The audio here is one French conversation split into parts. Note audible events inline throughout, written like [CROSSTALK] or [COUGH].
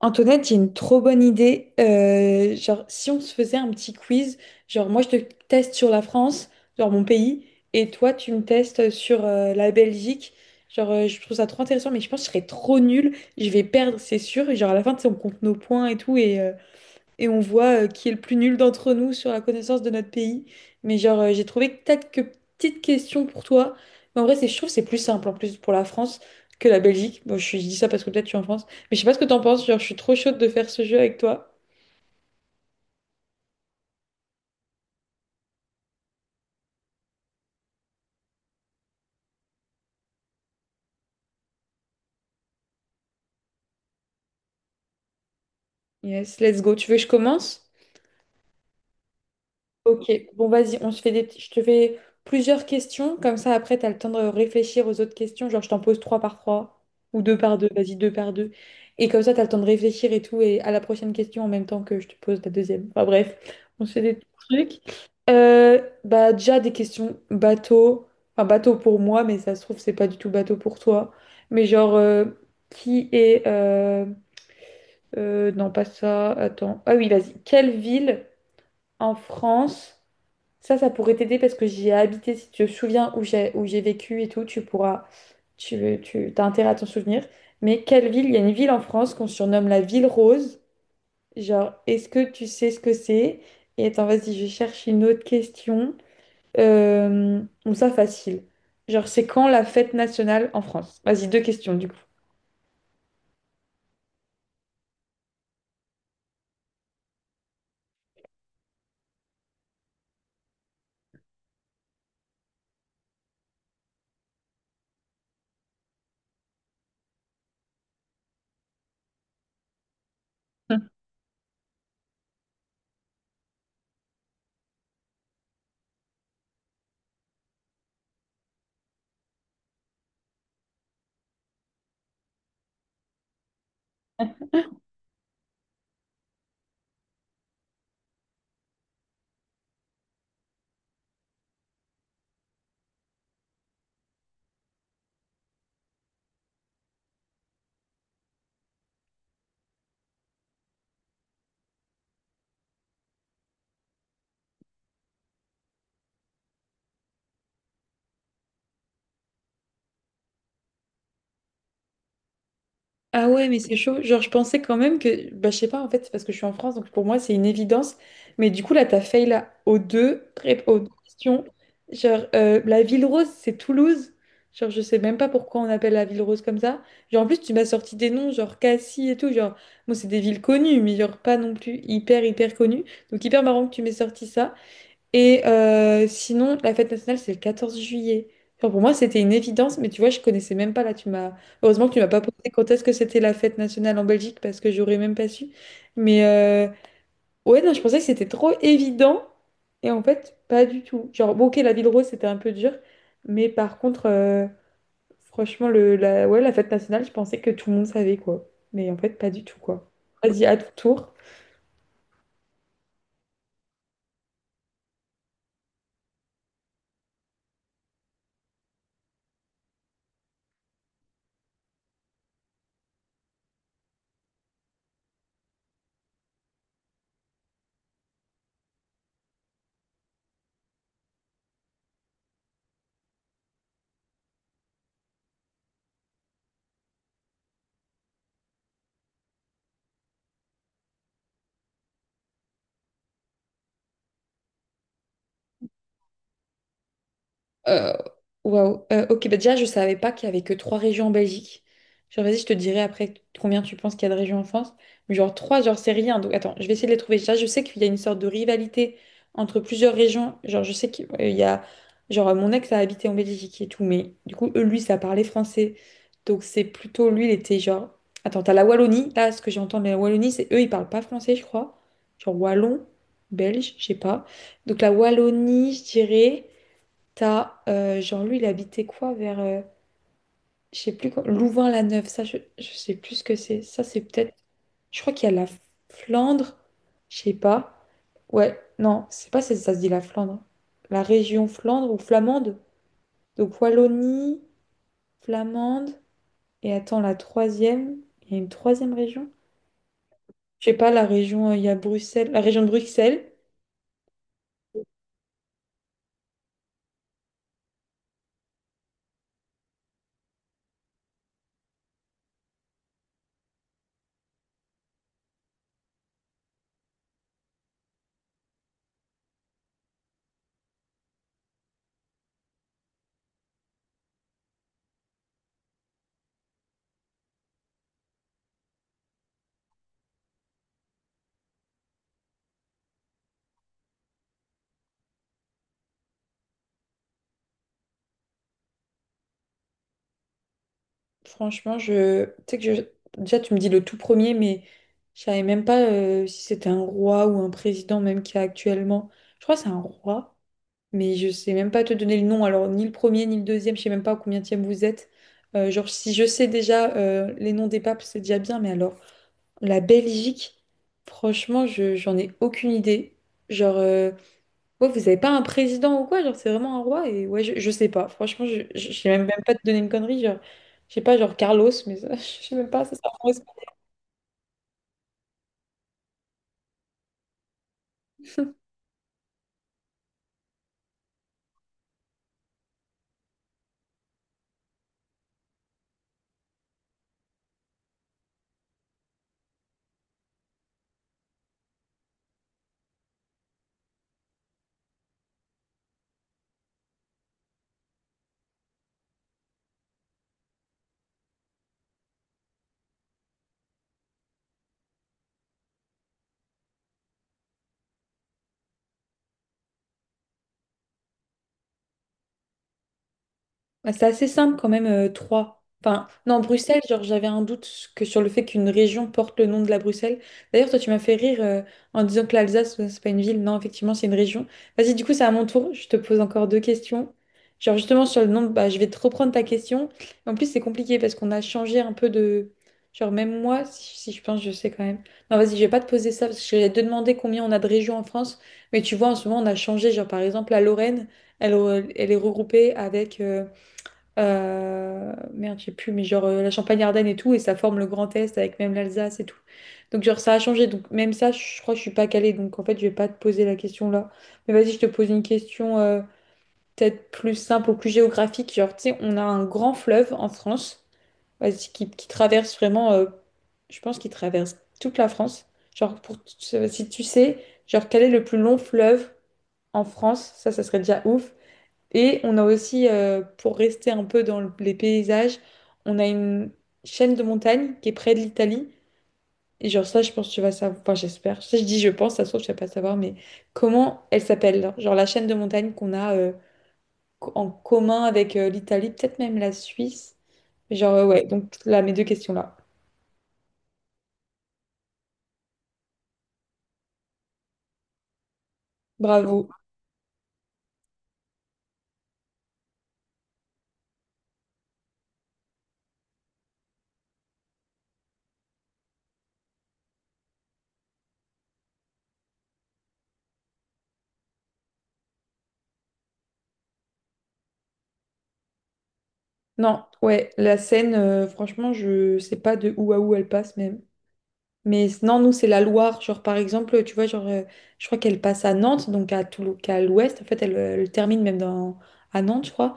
Antoinette, j'ai une trop bonne idée. Si on se faisait un petit quiz, genre moi je te teste sur la France, genre mon pays, et toi tu me testes sur la Belgique. Je trouve ça trop intéressant, mais je pense que je serais trop nulle. Je vais perdre, c'est sûr. Et genre à la fin, tu sais, on compte nos points et tout, et on voit qui est le plus nul d'entre nous sur la connaissance de notre pays. Mais j'ai trouvé que quelques petites questions pour toi. Mais en vrai, c'est, je trouve que c'est plus simple en plus pour la France que la Belgique. Bon, je dis ça parce que peut-être tu es en France. Mais je sais pas ce que t'en penses. Genre, je suis trop chaude de faire ce jeu avec toi. Yes, let's go. Tu veux que je commence? Ok, bon vas-y, on se fait des petits- je te fais plusieurs questions, comme ça après tu as le temps de réfléchir aux autres questions, genre je t'en pose trois par trois ou deux par deux, vas-y deux par deux. Et comme ça tu as le temps de réfléchir et tout et à la prochaine question en même temps que je te pose la deuxième. Enfin bref, on se fait des petits trucs. Bah déjà des questions bateau, enfin bateau pour moi mais ça se trouve c'est pas du tout bateau pour toi. Mais genre, qui est non pas ça, attends. Ah oui, vas-y. Quelle ville en France, ça pourrait t'aider parce que j'y ai habité. Si tu te souviens où j'ai vécu et tout, tu pourras, tu t'as intérêt à t'en souvenir. Mais quelle ville? Il y a une ville en France qu'on surnomme la ville rose. Genre, est-ce que tu sais ce que c'est? Et attends, vas-y, je cherche une autre question. Bon, ça, facile. Genre, c'est quand la fête nationale en France? Vas-y, deux questions du coup. Ah ouais, mais c'est chaud. Genre, je pensais quand même que, bah, je sais pas, en fait, c'est parce que je suis en France, donc pour moi, c'est une évidence. Mais du coup, là, t'as fail là aux deux, rép- aux deux questions. Genre, la ville rose, c'est Toulouse. Genre, je sais même pas pourquoi on appelle la ville rose comme ça. Genre, en plus, tu m'as sorti des noms, genre Cassis et tout. Genre, moi, c'est des villes connues, mais genre pas non plus hyper, hyper connues. Donc, hyper marrant que tu m'aies sorti ça. Et sinon, la fête nationale, c'est le 14 juillet. Enfin, pour moi, c'était une évidence, mais tu vois, je connaissais même pas là. Tu m'as... Heureusement que tu m'as pas posé quand est-ce que c'était la fête nationale en Belgique, parce que j'aurais même pas su. Mais ouais, non, je pensais que c'était trop évident. Et en fait, pas du tout. Genre, bon, ok, la ville rose, c'était un peu dur. Mais par contre, franchement, le, la... Ouais, la fête nationale, je pensais que tout le monde savait, quoi. Mais en fait, pas du tout, quoi. Vas-y, à ton tour. Euh, Waouh. Ok, bah déjà, je savais pas qu'il y avait que trois régions en Belgique. Genre, vas-y, je te dirai après combien tu penses qu'il y a de régions en France. Mais genre, trois, genre, c'est rien. Donc, attends, je vais essayer de les trouver. Déjà, je sais qu'il y a une sorte de rivalité entre plusieurs régions. Genre, je sais qu'il il y a. Genre, mon ex a habité en Belgique et tout, mais du coup, eux, lui, ça parlait français. Donc, c'est plutôt lui, il était genre. Attends, t'as la Wallonie. Là, ce que j'entends de la Wallonie, c'est eux, ils parlent pas français, je crois. Genre, wallon, belge, je sais pas. Donc, la Wallonie, je dirais. Genre, lui, il habitait quoi vers, je sais plus quoi, Louvain-la-Neuve, ça, je sais plus ce que c'est. Ça, c'est peut-être, je crois qu'il y a la Flandre, je sais pas. Ouais, non, c'est pas si ça se dit la Flandre. La région Flandre ou Flamande. Donc Wallonie, Flamande, et attends, la troisième, il y a une troisième région? Je sais pas, la région, il y a Bruxelles, la région de Bruxelles. Franchement, je... tu sais que je... déjà tu me dis le tout premier, mais je savais même pas si c'était un roi ou un président même qu'il y a actuellement. Je crois que c'est un roi, mais je sais même pas te donner le nom. Alors ni le premier ni le deuxième, je sais même pas à combien vous êtes. Genre si je sais déjà les noms des papes, c'est déjà bien, mais alors la Belgique, franchement, je j'en ai aucune idée. Genre euh, Ouais, vous avez pas un président ou quoi, genre c'est vraiment un roi et ouais, je sais pas. Franchement, je sais même pas te donner une connerie, genre je sais pas, genre Carlos, mais ça, [LAUGHS] je sais même pas, ça. Bah, c'est assez simple quand même, Troyes. Enfin, non, Bruxelles, genre j'avais un doute que sur le fait qu'une région porte le nom de la Bruxelles. D'ailleurs, toi, tu m'as fait rire en disant que l'Alsace, c'est pas une ville. Non, effectivement, c'est une région. Vas-y, du coup, c'est à mon tour. Je te pose encore deux questions. Genre justement sur le nom, bah, je vais te reprendre ta question. En plus, c'est compliqué parce qu'on a changé un peu de... Genre même moi, si je pense, je sais quand même. Non, vas-y, je vais pas te poser ça parce que j'allais te demander combien on a de régions en France. Mais tu vois, en ce moment, on a changé. Genre par exemple, la Lorraine, elle est regroupée avec... merde, j'ai plus, mais la Champagne-Ardenne et tout, et ça forme le Grand Est avec même l'Alsace et tout. Donc, genre, ça a changé. Donc, même ça, je crois que je suis pas calée. Donc, en fait, je vais pas te poser la question là. Mais vas-y, je te pose une question peut-être plus simple ou plus géographique. Genre, tu sais, on a un grand fleuve en France, vas-y, qui traverse vraiment, je pense qu'il traverse toute la France. Genre, pour, si tu sais, genre, quel est le plus long fleuve en France? Ça serait déjà ouf. Et on a aussi, pour rester un peu dans les paysages, on a une chaîne de montagne qui est près de l'Italie. Et genre ça, je pense que tu vas savoir, enfin j'espère, ça je dis je pense, ça se trouve, tu vas pas savoir, mais comment elle s'appelle? Genre, la chaîne de montagne qu'on a en commun avec l'Italie, peut-être même la Suisse. Mais genre, ouais, donc là, mes deux questions là. Bravo. Non, ouais, la Seine, franchement, je sais pas de où à où elle passe même. Mais non, nous, c'est la Loire. Genre, par exemple, tu vois, je crois qu'elle passe à Nantes, donc à à l'ouest. En fait, elle, elle termine même dans, à Nantes, je crois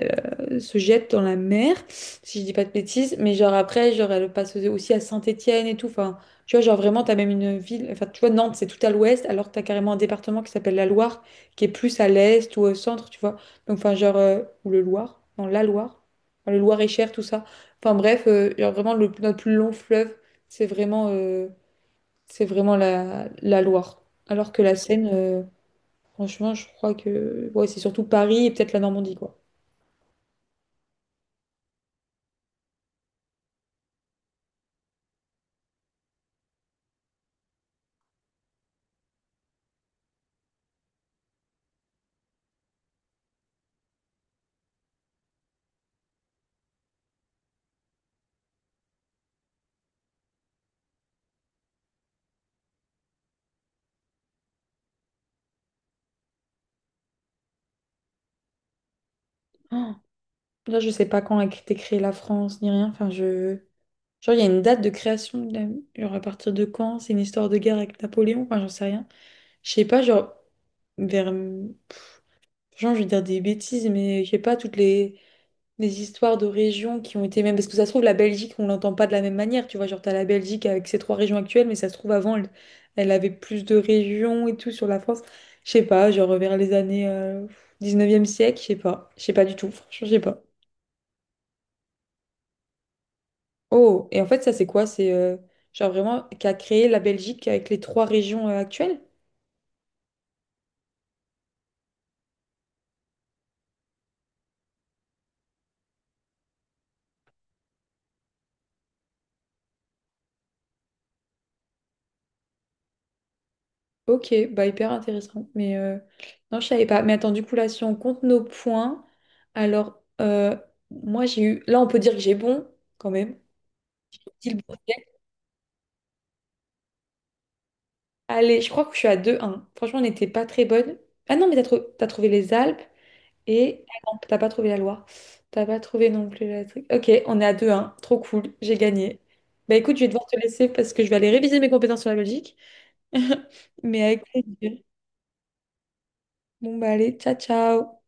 se jette dans la mer, si je dis pas de bêtises, mais genre après, genre elle passe aussi à Saint-Étienne et tout, enfin, tu vois, genre vraiment, t'as même une ville, enfin, tu vois, Nantes, c'est tout à l'ouest, alors que t'as carrément un département qui s'appelle la Loire, qui est plus à l'est ou au centre, tu vois, donc enfin, genre, ou le Loire, non, la Loire, enfin, le Loir-et-Cher, tout ça, enfin bref, genre vraiment, notre plus long fleuve, c'est vraiment, euh, c'est vraiment la Loire, alors que la Seine, franchement, je crois que, ouais, c'est surtout Paris et peut-être la Normandie, quoi. Là, je sais pas quand a été créée la France ni rien. Enfin, je. Genre, il y a une date de création. Genre, à partir de quand? C'est une histoire de guerre avec Napoléon? Enfin, j'en sais rien. Je sais pas, genre, vers. Genre, je vais dire des bêtises, mais je sais pas, toutes les histoires de régions qui ont été même. Parce que ça se trouve, la Belgique, on l'entend pas de la même manière. Tu vois, genre, t'as la Belgique avec ses trois régions actuelles, mais ça se trouve, avant, elle avait plus de régions et tout sur la France. Je sais pas, genre, vers les années 19e siècle, je sais pas. Je sais pas du tout. Franchement, je sais pas. Oh, et en fait, ça, c'est quoi? C'est genre vraiment qui a créé la Belgique avec les trois régions actuelles? Ok, bah hyper intéressant. Mais non, je savais pas. Mais attends, du coup, là, si on compte nos points, alors, moi, j'ai eu. Là, on peut dire que j'ai bon, quand même. J'ai dit le bon. Allez, je crois que je suis à 2-1. Franchement, on n'était pas très bonne. Ah non, mais t'as trouvé les Alpes. Et ah non, t'as pas trouvé la Loire. T'as pas trouvé non plus la truc. Ok, on est à deux 1. Trop cool, j'ai gagné. Bah écoute, je vais devoir te laisser parce que je vais aller réviser mes compétences sur la logique. [LAUGHS] Mais avec plaisir. Bon bah allez, ciao ciao.